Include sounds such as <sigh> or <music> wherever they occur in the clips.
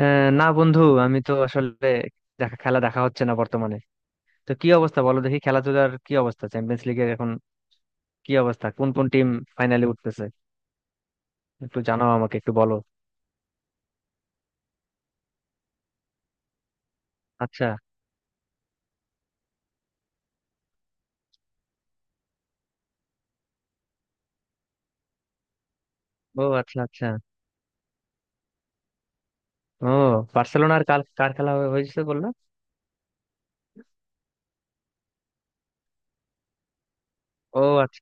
না বন্ধু, আমি তো আসলে খেলা দেখা হচ্ছে না বর্তমানে। তো কি অবস্থা, বলো দেখি? খেলাধুলার কি অবস্থা, চ্যাম্পিয়ন্স লিগের এখন কি অবস্থা? কোন কোন টিম ফাইনালে উঠতেছে, একটু জানাও আমাকে, একটু বলো। আচ্ছা। ও আচ্ছা আচ্ছা। ও, বার্সেলোনার কার কার খেলা হয়েছে বললো? ও আচ্ছা।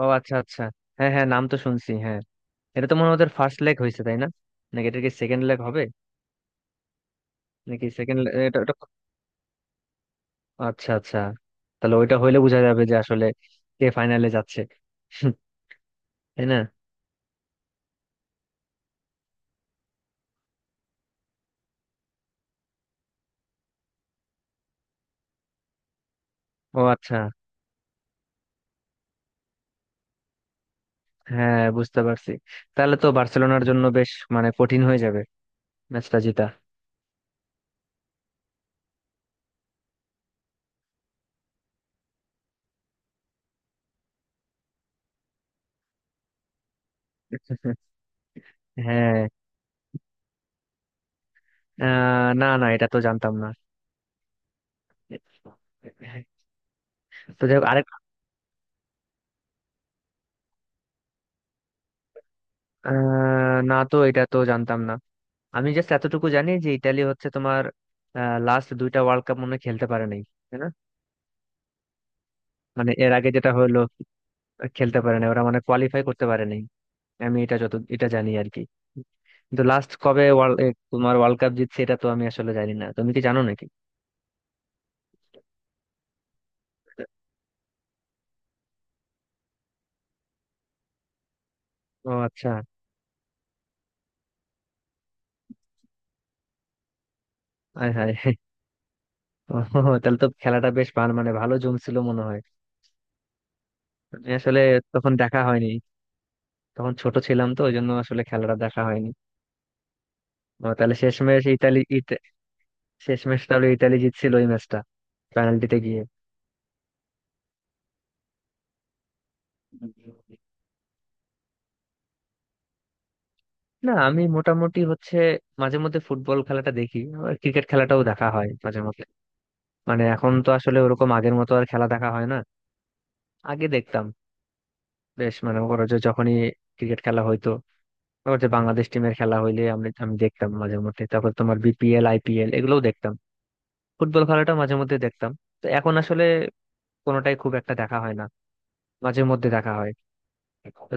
ও আচ্ছা আচ্ছা। হ্যাঁ হ্যাঁ, নাম তো শুনছি, হ্যাঁ। এটা তো মনে হয় ওদের ফার্স্ট লেগ হয়েছে, তাই না? নাকি এটা কি সেকেন্ড লেগ হবে? নাকি সেকেন্ড। এটা এটা। আচ্ছা আচ্ছা। তাহলে ওইটা হইলে বোঝা যাবে যে আসলে কে ফাইনালে যাচ্ছে। <laughs> তাই না? ও আচ্ছা। হ্যাঁ, বুঝতে পারছি। তাহলে তো বার্সেলোনার জন্য বেশ মানে কঠিন হয়ে যাবে ম্যাচটা জিতা। হ্যাঁ। না না, এটা তো জানতাম না। তো যাই হোক, আরেক। আহ, না তো, এটা তো জানতাম না। আমি জাস্ট এতটুকু জানি যে ইতালি হচ্ছে তোমার লাস্ট দুইটা ওয়ার্ল্ড কাপ মনে হয় খেলতে পারে নাই, তাই না? মানে এর আগে যেটা হলো, খেলতে পারে নাই ওরা, মানে কোয়ালিফাই করতে পারে নাই, আমি এটা যত এটা জানি আর কি। কিন্তু লাস্ট কবে ওয়ার্ল্ড, তোমার ওয়ার্ল্ড কাপ জিতছে, এটা তো আমি আসলে জানি না, তুমি কি জানো নাকি? ও আচ্ছা। আয় হায়। ও, তাহলে তো খেলাটা বেশ ভালো মানে ভালো জমছিল মনে হয়। আমি আসলে তখন দেখা হয়নি, তখন ছোট ছিলাম, তো ওই জন্য আসলে খেলাটা দেখা হয়নি। ও, তাহলে শেষমেশ ইতালি শেষমেশ তাহলে ইতালি জিতছিল ওই ম্যাচটা, পেনাল্টিতে গিয়ে। না, আমি মোটামুটি হচ্ছে মাঝে মধ্যে ফুটবল খেলাটা দেখি, আবার ক্রিকেট খেলাটাও দেখা হয় মাঝে মধ্যে। মানে এখন তো আসলে ওরকম আগের মতো আর খেলা দেখা হয় না। আগে দেখতাম, বেশ মানে ওরা যে যখনই ক্রিকেট খেলা হইতো, ওর যে বাংলাদেশ টিমের খেলা হইলে আমি আমি দেখতাম মাঝে মধ্যে, তারপর তোমার বিপিএল আইপিএল এগুলোও দেখতাম, ফুটবল খেলাটা মাঝে মধ্যে দেখতাম। তো এখন আসলে কোনোটাই খুব একটা দেখা হয় না, মাঝে মধ্যে দেখা হয়।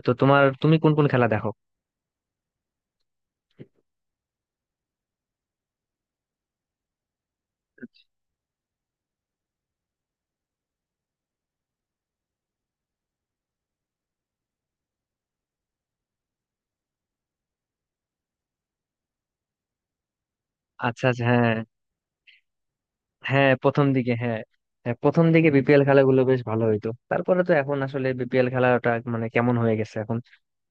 তো তোমার, তুমি কোন কোন খেলা দেখো? আচ্ছা আচ্ছা। হ্যাঁ হ্যাঁ, প্রথম দিকে হ্যাঁ। হ্যাঁ, প্রথম দিকে বিপিএল খেলাগুলো বেশ ভালো হইতো, তারপরে তো এখন আসলে বিপিএল খেলাটা মানে কেমন হয়ে গেছে এখন,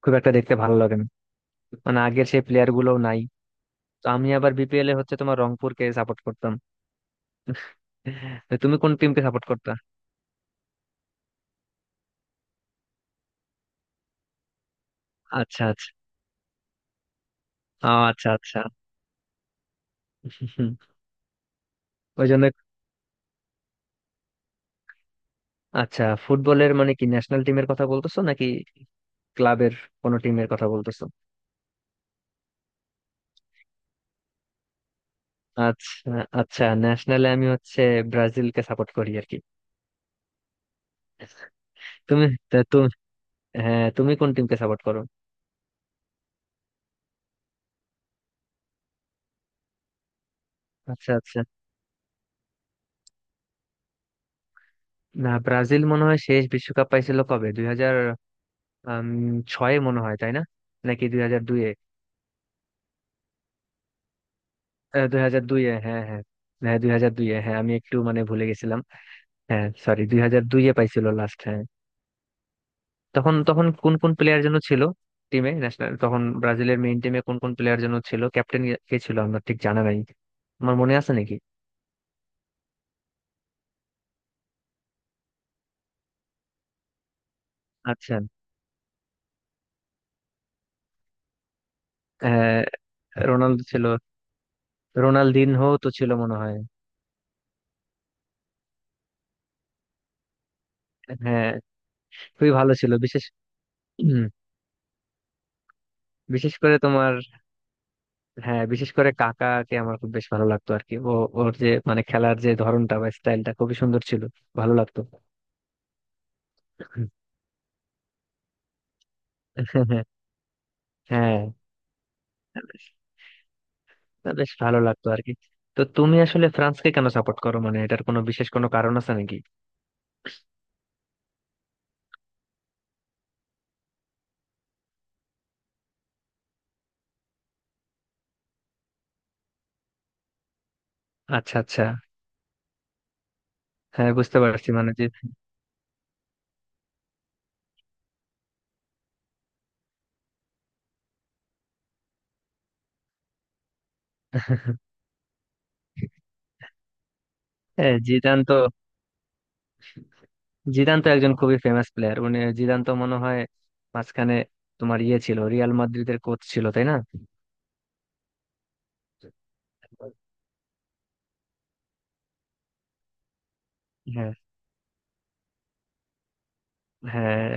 খুব একটা দেখতে ভালো লাগে না। মানে আগের সেই প্লেয়ার গুলোও নাই। তো আমি আবার বিপিএল এ হচ্ছে তোমার রংপুরকে সাপোর্ট করতাম। তো তুমি কোন টিমকে সাপোর্ট করতা? আচ্ছা। আচ্ছা আচ্ছা। হুম। ওই জন্য। আচ্ছা, ফুটবলের মানে কি ন্যাশনাল টিমের কথা বলতেছো নাকি ক্লাবের কোনো টিমের কথা বলতেছো? আচ্ছা আচ্ছা, ন্যাশনালে আমি হচ্ছে ব্রাজিলকে সাপোর্ট করি আর কি। তুমি তা তুমি, হ্যাঁ, তুমি কোন টিমকে সাপোর্ট করো? আচ্ছা আচ্ছা। না, ব্রাজিল মনে হয় শেষ বিশ্বকাপ পাইছিল কবে 2006-এ মনে হয়, তাই না? নাকি 2002-এ? 2002-এ, হ্যাঁ হ্যাঁ। হ্যাঁ, 2002-এ, হ্যাঁ, আমি একটু মানে ভুলে গেছিলাম। হ্যাঁ, সরি, 2002-এ পাইছিল লাস্ট। তখন তখন কোন কোন প্লেয়ার যেন ছিল টিমে? ন্যাশনাল তখন ব্রাজিলের মেইন টিমে কোন কোন প্লেয়ার যেন ছিল? ক্যাপ্টেন কে ছিল আমার ঠিক জানা নাই, আমার মনে আছে নাকি? আচ্ছা। হ্যাঁ, রোনালদো ছিল। রোনালদিনহো তো ছিল মনে হয়। হ্যাঁ, খুবই ভালো ছিল। বিশেষ। হুম। বিশেষ করে তোমার, হ্যাঁ বিশেষ করে কাকাকে আমার খুব বেশ ভালো লাগতো আর কি। ওর যে মানে খেলার যে ধরনটা বা স্টাইলটা খুবই সুন্দর ছিল, ভালো লাগতো। হ্যাঁ। হ্যাঁ। তা বেশ ভালো লাগতো আর কি। তো তুমি আসলে ফ্রান্সকে কেন সাপোর্ট করো, মানে এটার কোনো বিশেষ কোনো কারণ আছে নাকি? আচ্ছা আচ্ছা। হ্যাঁ, বুঝতে পারছি, মানে যে। হ্যাঁ, জিদান তো একজন খুবই ফেমাস প্লেয়ার, মানে জিদান তো মনে হয় মাঝখানে তোমার ইয়ে ছিল, রিয়াল মাদ্রিদের কোচ ছিল, তাই না? হ্যাঁ। হ্যাঁ।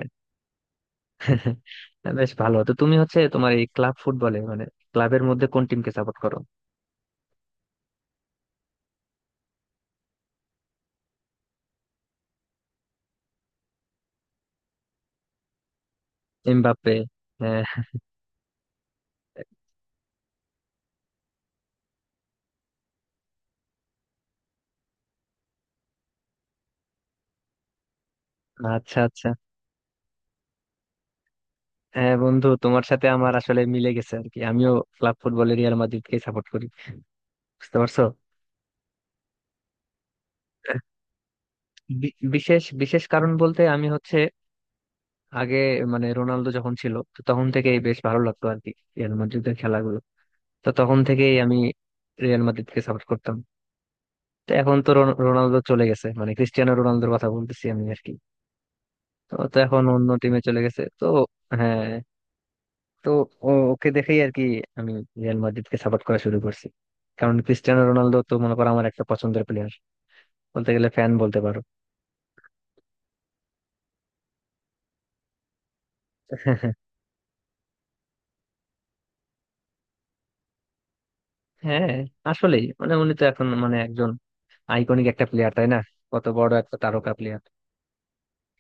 বেশ ভালো। তো তুমি হচ্ছে তোমার এই ক্লাব ফুটবলে মানে ক্লাবের মধ্যে কোন টিমকে সাপোর্ট করো? এমবাপ্পে। হ্যাঁ। আচ্ছা আচ্ছা। হ্যাঁ বন্ধু, তোমার সাথে আমার আসলে মিলে গেছে আর কি, আমিও ক্লাব ফুটবলে রিয়াল মাদ্রিদকে সাপোর্ট করি, বুঝতে পারছো? বিশেষ বিশেষ কারণ বলতে আমি হচ্ছে আগে, মানে রোনালদো যখন ছিল, তো তখন থেকেই বেশ ভালো লাগতো আর কি রিয়াল মাদ্রিদের খেলাগুলো, তো তখন থেকেই আমি রিয়াল মাদ্রিদকে সাপোর্ট করতাম। তো এখন তো রোনালদো চলে গেছে, মানে ক্রিস্টিয়ানো রোনালদোর কথা বলতেছি আমি আর কি। তো তো এখন অন্য টিমে চলে গেছে। তো হ্যাঁ। তো ওকে দেখেই আর কি আমি রিয়াল মাদ্রিদকে সাপোর্ট করা শুরু করছি। কারণ ক্রিস্টিয়ানো রোনালদো তো মনে করো আমার একটা পছন্দের প্লেয়ার, বলতে গেলে ফ্যান বলতে পারো। <laughs> হ্যাঁ, আসলেই মানে উনি তো এখন মানে একজন আইকনিক একটা প্লেয়ার, তাই না? কত বড় একটা তারকা প্লেয়ার,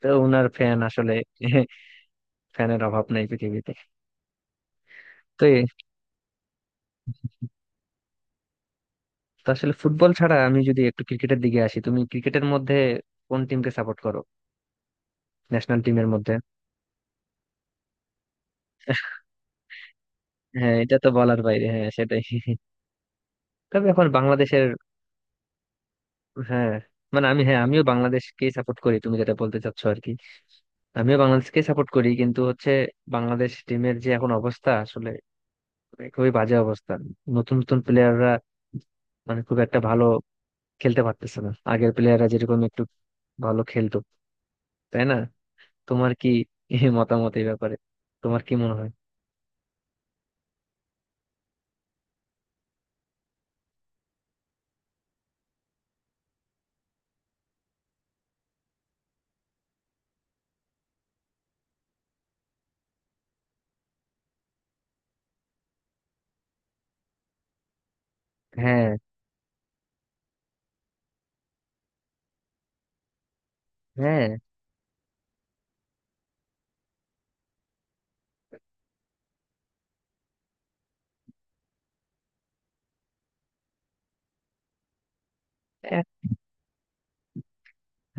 তো ওনার ফ্যান আসলে। <laughs> ফ্যানের অভাব নাই পৃথিবীতে। তো তো আসলে ফুটবল ছাড়া আমি যদি একটু ক্রিকেটের দিকে আসি, তুমি ক্রিকেটের মধ্যে কোন টিমকে সাপোর্ট করো? ন্যাশনাল টিমের মধ্যে। <laughs> হ্যাঁ, এটা তো বলার বাইরে, হ্যাঁ সেটাই। তবে এখন বাংলাদেশের, হ্যাঁ, মানে আমি, হ্যাঁ আমিও বাংলাদেশকে সাপোর্ট করি তুমি যেটা বলতে চাচ্ছ আর কি, আমিও বাংলাদেশকে সাপোর্ট করি, কিন্তু হচ্ছে বাংলাদেশ টিমের যে এখন অবস্থা আসলে, মানে খুবই বাজে অবস্থা। নতুন নতুন প্লেয়াররা মানে খুব একটা ভালো খেলতে পারতেছে না, আগের প্লেয়াররা যেরকম একটু ভালো খেলতো, তাই না? তোমার কি <laughs> এই মতামত এই ব্যাপারে, তোমার কি মনে হয়? হ্যাঁ। হ্যাঁ। এ-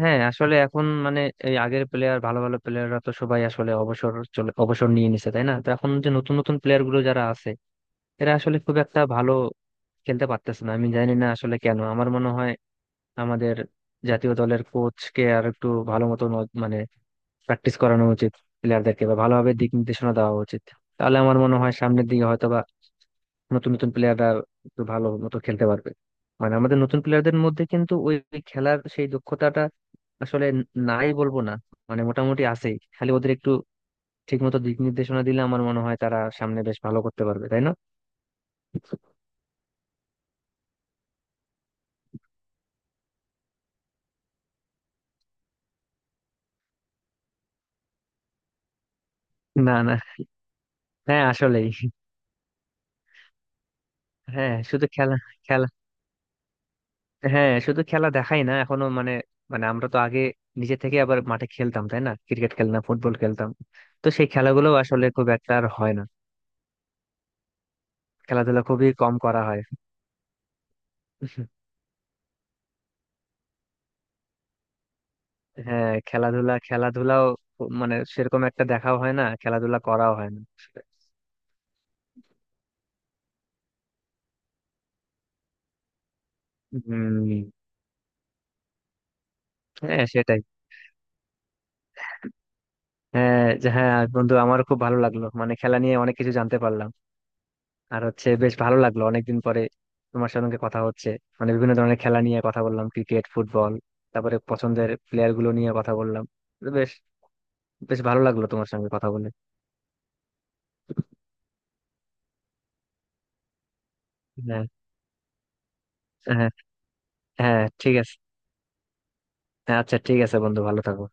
হ্যাঁ আসলে এখন মানে এই আগের প্লেয়ার ভালো ভালো প্লেয়াররা তো সবাই আসলে অবসর চলে, অবসর নিয়ে নিছে, তাই না? তো এখন যে নতুন নতুন প্লেয়ার গুলো যারা আছে, এরা আসলে খুব একটা ভালো খেলতে পারতেছে না, আমি জানি না আসলে কেন। আমার মনে হয় আমাদের জাতীয় দলের কোচকে আর একটু ভালো মতো মানে প্র্যাকটিস করানো উচিত প্লেয়ারদেরকে, বা ভালোভাবে দিক নির্দেশনা দেওয়া উচিত। তাহলে আমার মনে হয় সামনের দিকে হয়তো বা নতুন নতুন প্লেয়াররা একটু ভালো মতো খেলতে পারবে, মানে আমাদের নতুন প্লেয়ারদের মধ্যে কিন্তু ওই ওই খেলার সেই দক্ষতাটা আসলে নাই বলবো না, মানে মোটামুটি আছেই, খালি ওদের একটু ঠিক মতো দিক নির্দেশনা দিলে আমার মনে হয় তারা সামনে বেশ ভালো করতে পারবে, তাই না? না না। হ্যাঁ আসলে। হ্যাঁ, শুধু খেলা। খেলা। হ্যাঁ, শুধু খেলা দেখাই না এখনো, মানে, মানে আমরা তো আগে নিজে থেকে আবার মাঠে খেলতাম, তাই না? ক্রিকেট খেলতাম, ফুটবল খেলতাম। তো সেই খেলাগুলো আসলে খুব একটা আর হয় না, খেলাধুলা খুবই কম করা হয়। হ্যাঁ, খেলাধুলা, খেলাধুলাও মানে সেরকম একটা দেখাও হয় না, খেলাধুলা করাও হয় না। হম। হ্যাঁ সেটাই। হ্যাঁ, হ্যাঁ বন্ধু, আমারও খুব ভালো লাগলো, মানে খেলা নিয়ে অনেক কিছু জানতে পারলাম। আর হচ্ছে বেশ ভালো লাগলো অনেকদিন পরে তোমার সঙ্গে কথা হচ্ছে, মানে বিভিন্ন ধরনের খেলা নিয়ে কথা বললাম, ক্রিকেট, ফুটবল, তারপরে পছন্দের প্লেয়ার গুলো নিয়ে কথা বললাম। তো বেশ বেশ ভালো লাগলো তোমার সঙ্গে কথা বলে। হ্যাঁ। হ্যাঁ, হ্যাঁ ঠিক আছে। হ্যাঁ, আচ্ছা ঠিক আছে বন্ধু, ভালো থাকো।